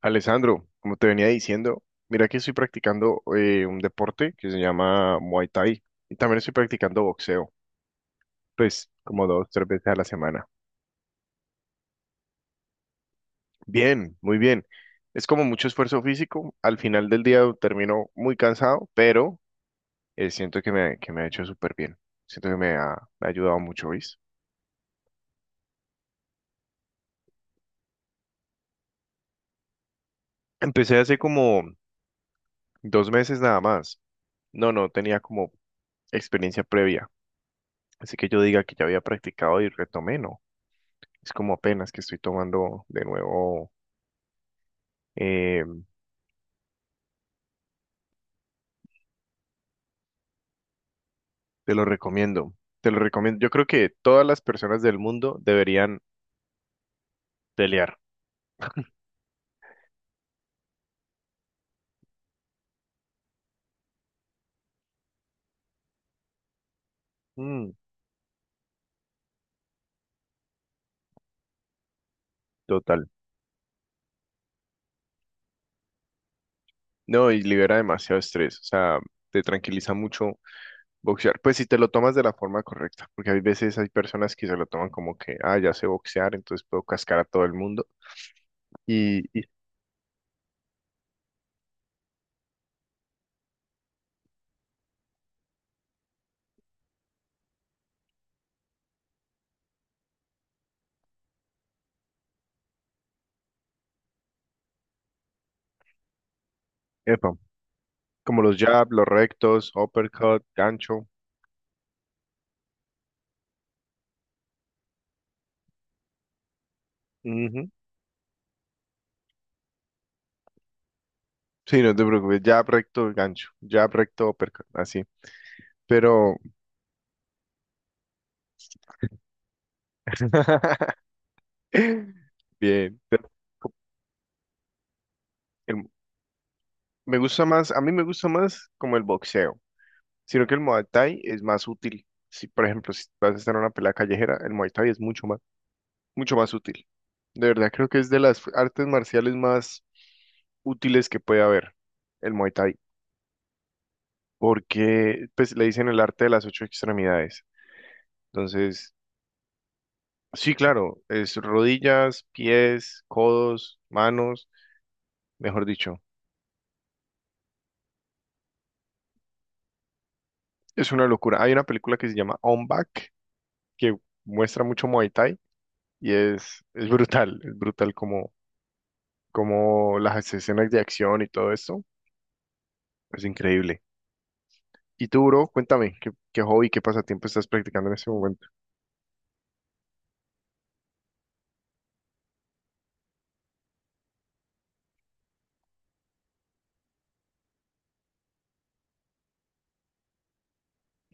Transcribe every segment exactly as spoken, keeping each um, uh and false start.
Alessandro, como te venía diciendo, mira que estoy practicando eh, un deporte que se llama Muay Thai y también estoy practicando boxeo, pues como dos, tres veces a la semana. Bien, muy bien. Es como mucho esfuerzo físico. Al final del día termino muy cansado, pero eh, siento que me, que me ha hecho súper bien. Siento que me ha, me ha ayudado mucho, ¿veis? Empecé hace como dos meses nada más. No, no tenía como experiencia previa. Así que yo diga que ya había practicado y retomé, ¿no? Es como apenas que estoy tomando de nuevo. eh, Te lo recomiendo. Te lo recomiendo. Yo creo que todas las personas del mundo deberían pelear. Mm, total. No, y libera demasiado estrés. O sea, te tranquiliza mucho boxear. Pues si te lo tomas de la forma correcta. Porque hay veces hay personas que se lo toman como que, ah, ya sé boxear, entonces puedo cascar a todo el mundo. Y, y epa, como los jab, los rectos, uppercut, gancho. Ujú. Sí, no te preocupes. Jab, recto, gancho. Jab, recto, uppercut. Así. Pero bien. Pero el- me gusta más, a mí me gusta más como el boxeo, sino que el Muay Thai es más útil. Si, por ejemplo, si vas a estar en una pelea callejera, el Muay Thai es mucho más, mucho más útil. De verdad, creo que es de las artes marciales más útiles que puede haber, el Muay Thai, porque pues le dicen el arte de las ocho extremidades. Entonces, sí, claro, es rodillas, pies, codos, manos, mejor dicho. Es una locura. Hay una película que se llama On Back que muestra mucho Muay Thai y es, es brutal, es brutal como, como las escenas de acción y todo esto. Es increíble. Y tú, bro, cuéntame, ¿qué, qué hobby, qué pasatiempo estás practicando en este momento?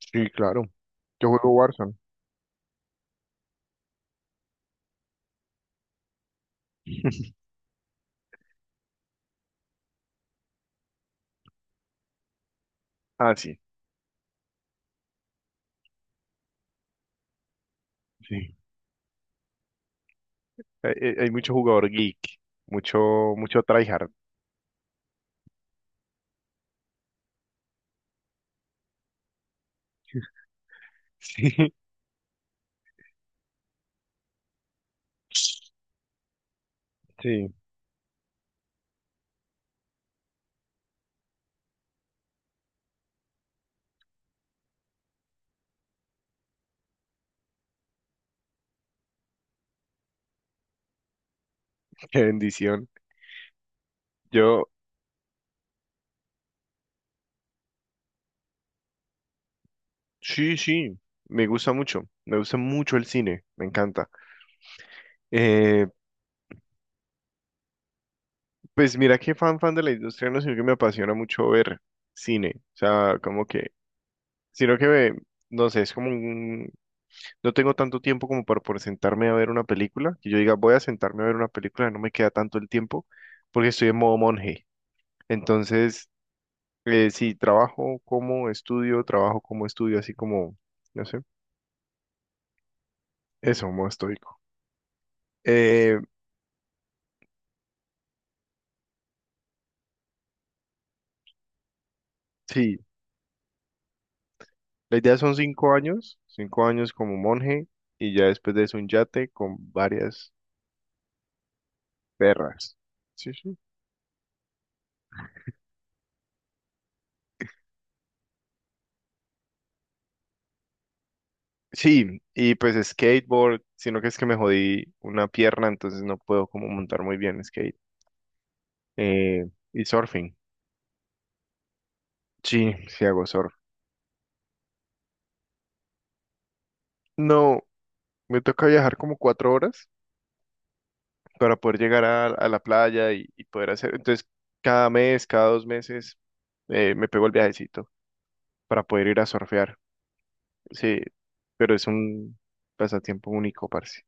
Sí, claro. Yo juego Warzone. Ah, sí, sí. Hay, hay- hay mucho jugador geek, mucho, mucho tryhard. Sí, sí, qué bendición. Yo, sí, sí, me gusta mucho, me gusta mucho el cine, me encanta. Eh, Pues mira que fan fan de la industria, no, sino que me apasiona mucho ver cine, o sea, como que, sino que me, no sé, es como un, no tengo tanto tiempo como para por sentarme a ver una película, que yo diga, voy a sentarme a ver una película, no me queda tanto el tiempo, porque estoy en modo monje, entonces, eh, sí, trabajo como estudio, trabajo como estudio, así como, no sé, eso, modo estoico. Eh, sí, la idea son cinco años, cinco años como monje, y ya después de eso un yate con varias perras. Sí, sí. Sí, y pues skateboard, sino que es que me jodí una pierna, entonces no puedo como montar muy bien skate. Eh, y surfing. Sí, sí hago surf. No, me toca viajar como cuatro horas para poder llegar a, a la playa y, y poder hacer. Entonces, cada mes, cada dos meses, eh, me pego el viajecito para poder ir a surfear. Sí, pero es un pasatiempo único, parce.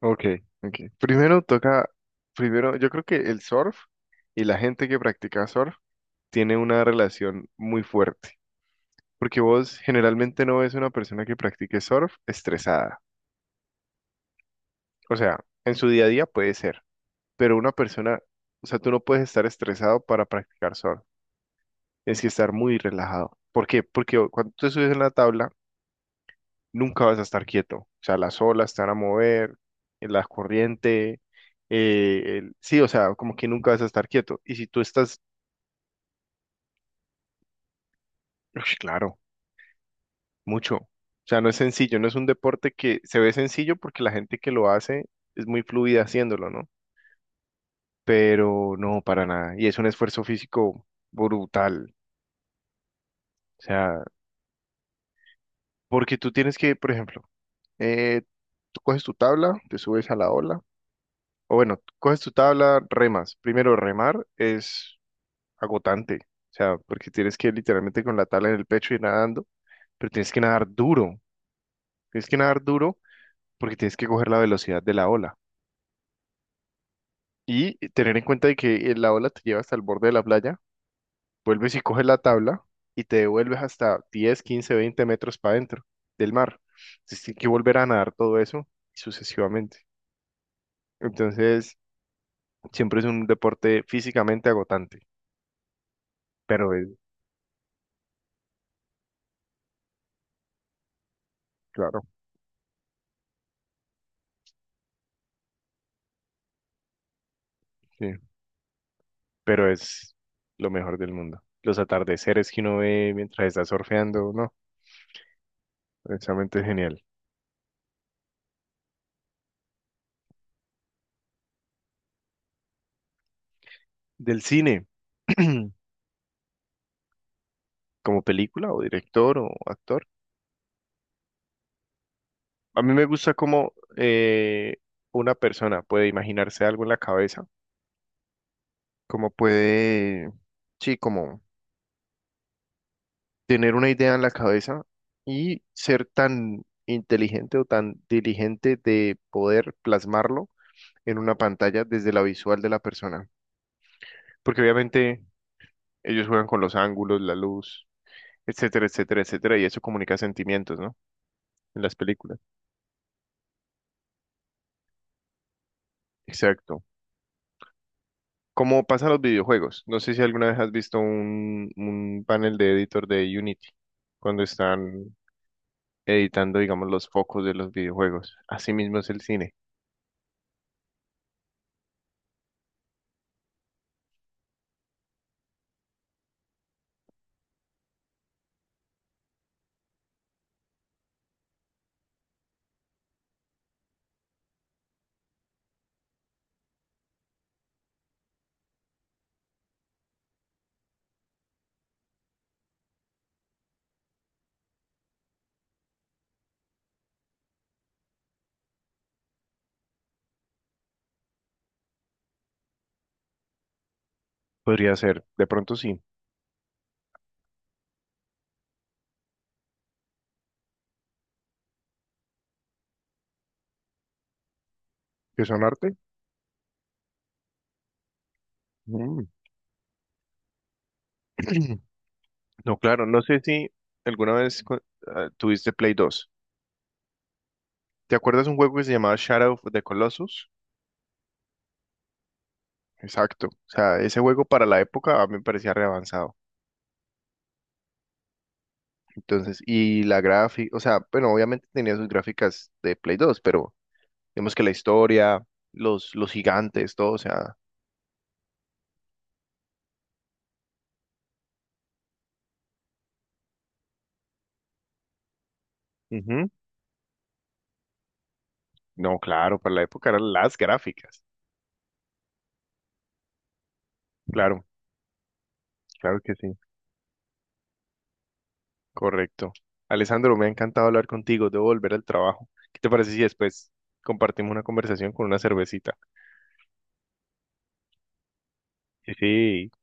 Ok, ok. Primero toca, primero, yo creo que el surf y la gente que practica surf tiene una relación muy fuerte, porque vos generalmente no ves una persona que practique surf estresada. O sea, en su día a día puede ser, pero una persona, o sea, tú no puedes estar estresado para practicar surf. Tienes que estar muy relajado. ¿Por qué? Porque cuando tú te subes en la tabla, nunca vas a estar quieto. O sea, las olas te van a mover, la corriente, eh, el- sí, o sea, como que nunca vas a estar quieto. Y si tú estás, ush, claro, mucho. O sea, no es sencillo, no es un deporte que se ve sencillo porque la gente que lo hace es muy fluida haciéndolo, ¿no? Pero no, para nada. Y es un esfuerzo físico brutal. O sea, porque tú tienes que, por ejemplo, eh, tú coges tu tabla, te subes a la ola, o bueno, coges tu tabla, remas. Primero remar es agotante. O sea, porque tienes que ir literalmente con la tabla en el pecho y nadando, pero tienes que nadar duro. Tienes que nadar duro porque tienes que coger la velocidad de la ola. Y tener en cuenta de que eh, la ola te lleva hasta el borde de la playa, vuelves y coges la tabla y te devuelves hasta diez, quince, veinte metros para adentro del mar. Entonces tienes que volver a nadar todo eso sucesivamente. Entonces, siempre es un deporte físicamente agotante, pero es, claro, sí. Pero es lo mejor del mundo. Los atardeceres que uno ve mientras está surfeando, no, precisamente es genial. Del cine, como película o director o actor, a mí me gusta cómo eh, una persona puede imaginarse algo en la cabeza, cómo puede, sí, como tener una idea en la cabeza y ser tan inteligente o tan diligente de poder plasmarlo en una pantalla desde la visual de la persona. Porque obviamente ellos juegan con los ángulos, la luz, etcétera, etcétera, etcétera, y eso comunica sentimientos, ¿no? En las películas. Exacto. Como pasa en los videojuegos. No sé si alguna vez has visto un, un panel de editor de Unity, cuando están editando, digamos, los focos de los videojuegos. Así mismo es el cine. Podría ser, de pronto sí. ¿Qué son arte? Mm. No, claro, no sé si alguna vez cu- ah, tuviste Play dos. ¿Te acuerdas un juego que se llamaba Shadow of the Colossus? Exacto. O sea, ese juego para la época a mí me parecía re avanzado. Entonces, y la gráfica, o sea, bueno, obviamente tenía sus gráficas de Play dos, pero digamos que la historia, los, los gigantes, todo, o sea, ujú. No, claro, para la época eran las gráficas. Claro, claro que sí. Correcto. Alessandro, me ha encantado hablar contigo. Debo volver al trabajo. ¿Qué te parece si después compartimos una conversación con una cervecita? Sí, sí.